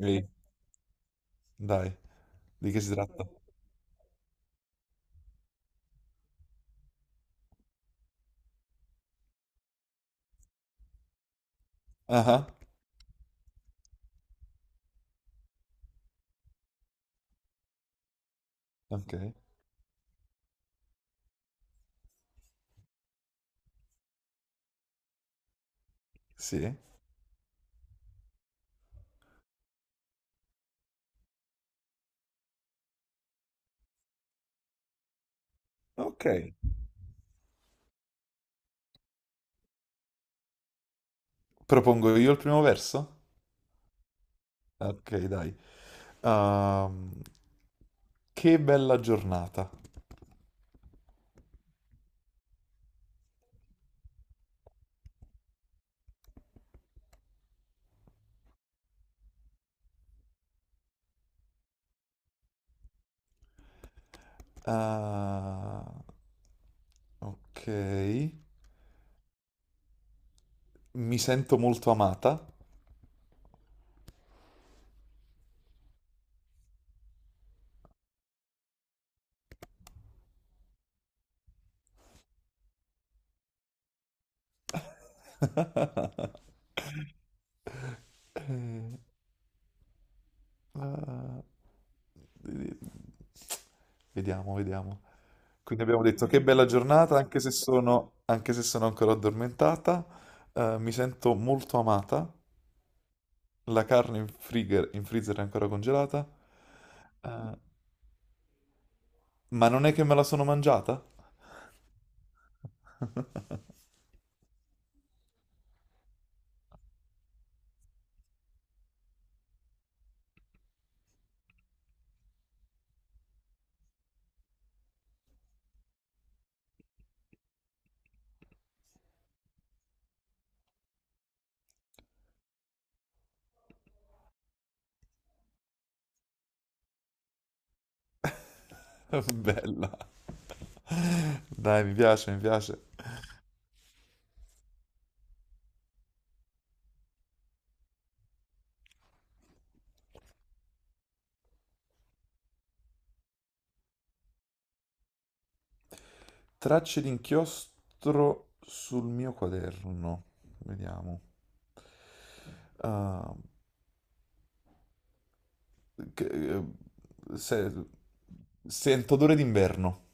Ehi, dai, di che si tratta? Ah, ah, ok, sì, ok. Propongo io il primo verso? Ok, dai. Ehm, che bella giornata. Ah, ok, mi sento molto amata. Ah, vediamo. Quindi abbiamo detto che bella giornata, anche se sono ancora addormentata. Mi sento molto amata. La carne in in freezer è ancora congelata. Eh, ma non è che me la sono mangiata? Bella. Dai, mi piace. Tracce di inchiostro sul mio quaderno. Vediamo. Ah, che- eh, se- sento odore d'inverno.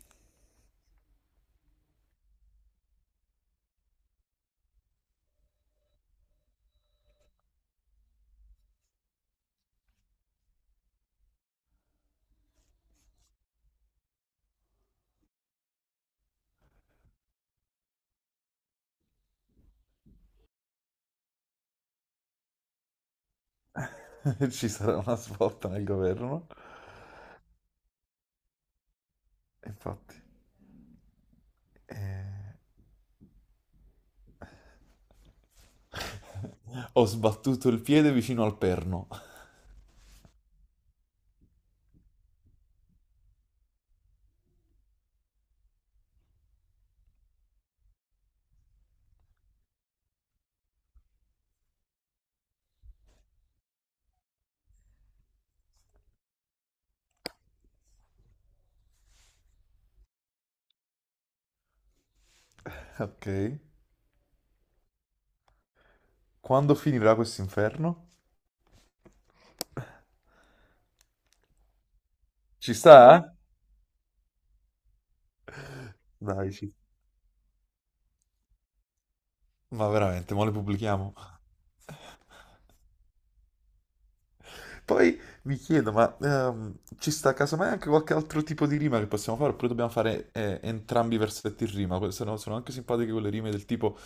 Ci sarà una svolta nel governo. Infatti. Ho sbattuto il piede vicino al perno. Ok. Quando finirà questo inferno? Ci sta? Dai, ci ma veramente, mo le pubblichiamo. Poi mi chiedo, ma ci sta casomai anche qualche altro tipo di rima che possiamo fare? Oppure dobbiamo fare entrambi i versetti in rima? Sono anche simpatiche quelle rime del tipo,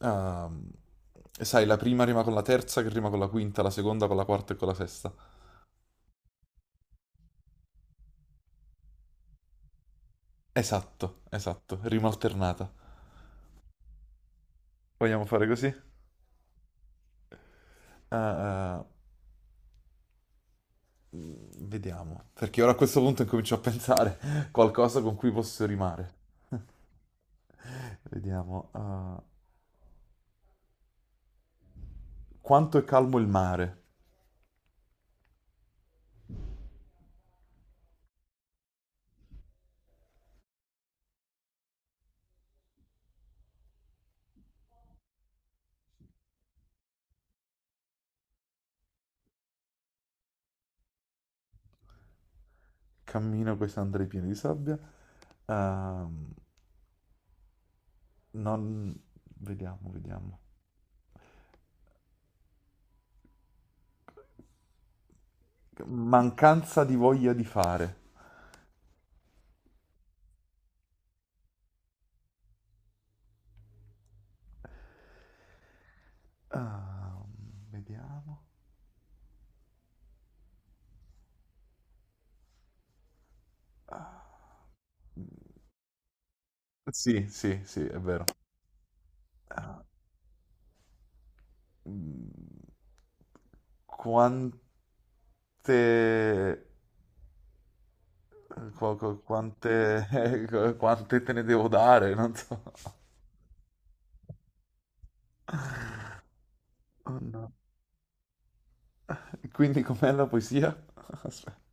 ehm, sai, la prima rima con la terza, che rima con la quinta, la seconda con la quarta e con la sesta. Esatto, esatto, rima alternata. Vogliamo fare così? Ah, ah, vediamo, perché ora a questo punto incomincio a pensare qualcosa con cui posso rimare. Vediamo. Quanto è calmo il mare? Cammino con i sandali pieni di sabbia. Ehm, Non... vediamo. Mancanza di voglia di fare. Ah, vediamo. Ah, sì, sì, sì, è vero. Ah, mm, quante... Quante... quante te ne devo dare? Non so. Oh, no. Quindi com'è la poesia? Aspetta.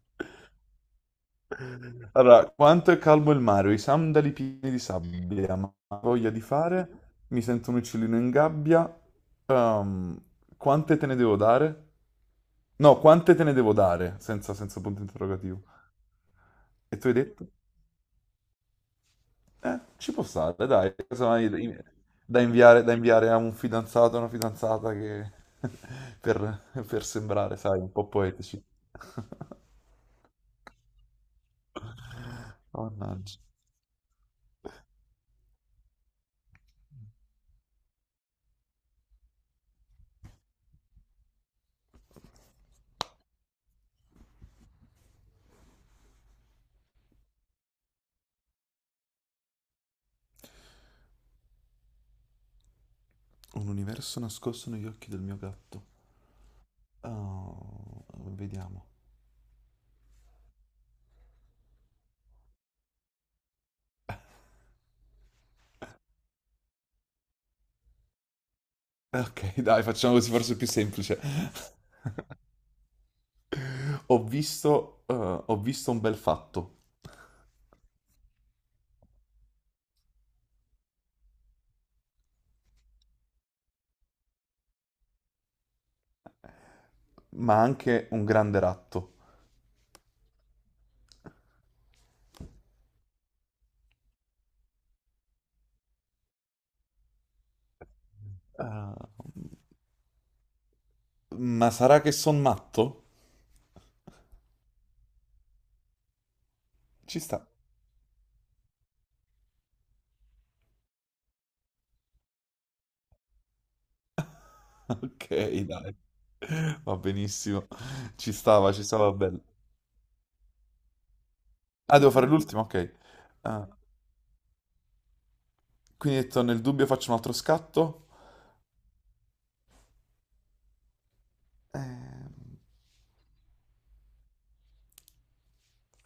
Allora, quanto è calmo il mare, ho i sandali pieni di sabbia, ma ho voglia di fare, mi sento un uccellino in gabbia, ehm, quante te ne devo dare? No, quante te ne devo dare, senza punto interrogativo. E tu hai detto, ci può stare, dai, casomai da da inviare a un fidanzato, a una fidanzata che... per sembrare, sai, un po' poetici. Mannaggia. Un universo nascosto negli occhi del mio gatto. Oh, vediamo. Ok, dai, facciamo così, forse è più semplice. Ho visto, eh, ho visto un bel fatto, ma anche un grande ratto. Ma sarà che son matto? Ci sta. Ok, dai, va benissimo. Ci stava bello. Ah, devo fare l'ultimo, ok. Eh, quindi ho detto, nel dubbio faccio un altro scatto. Ehm,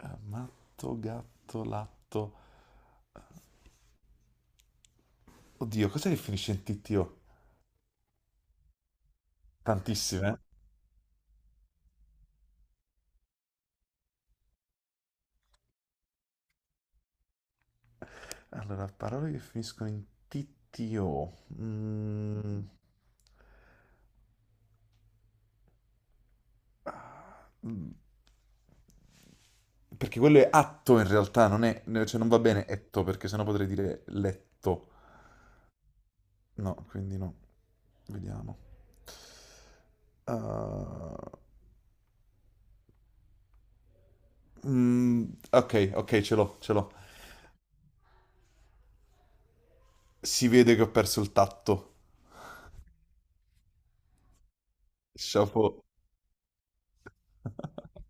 matto, gatto, latto. Oddio, cos'è che finisce in TTO? Tantissime, eh? Allora, parole che finiscono in TTO. Mm, mm, perché quello è atto in realtà, non è, cioè non va bene etto, perché sennò potrei dire letto. No, quindi no. Vediamo. Ah, mm, ok, ce l'ho. Si vede che ho perso il tatto. Chapeau.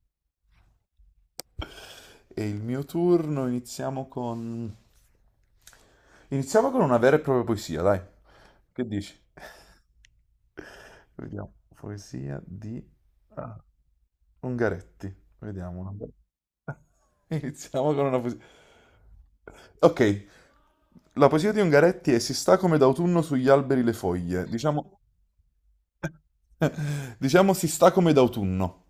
E il mio turno iniziamo con... Iniziamo con una vera e propria poesia, dai. Che dici? Vediamo. Poesia di ah, Ungaretti. Vediamo. Una bella- Iniziamo con una poesia. Ok. La poesia di Ungaretti è Si sta come d'autunno sugli alberi le foglie. Diciamo, diciamo si sta come d'autunno.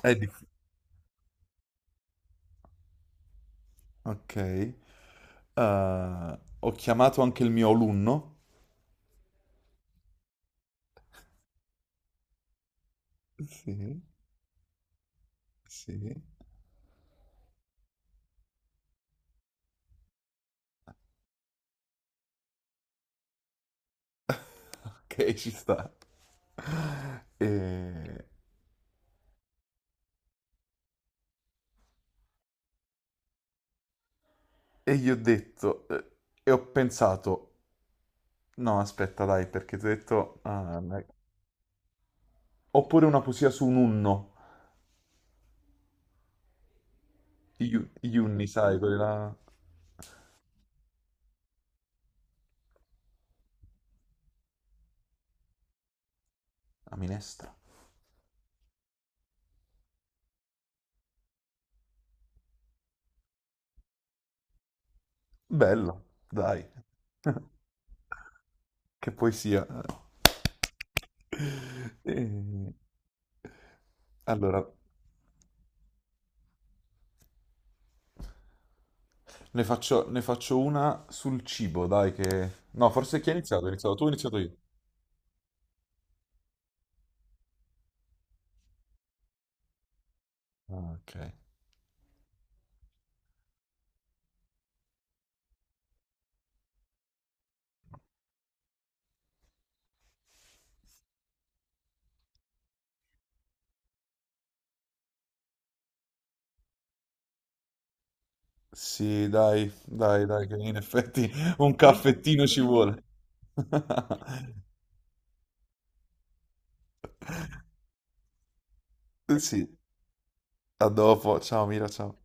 È di... Ok. Ho chiamato anche il mio alunno. Sì, sì, ok, ci sta. E, e gli ho detto, e ho pensato, no, aspetta, dai, perché ti ho detto, ah, ma- oppure una poesia su un unno, gli unni, sai, quella, la minestra. Bello, dai, che poesia. E- allora, ne faccio una sul cibo, dai, che... No, forse chi ha iniziato? Hai iniziato tu, o ho iniziato io. Ah, ok. Sì, dai, dai, dai, che in effetti un poi ci caffettino ci sentiamo. Vuole. Sì, a dopo. Ciao Mira, ciao.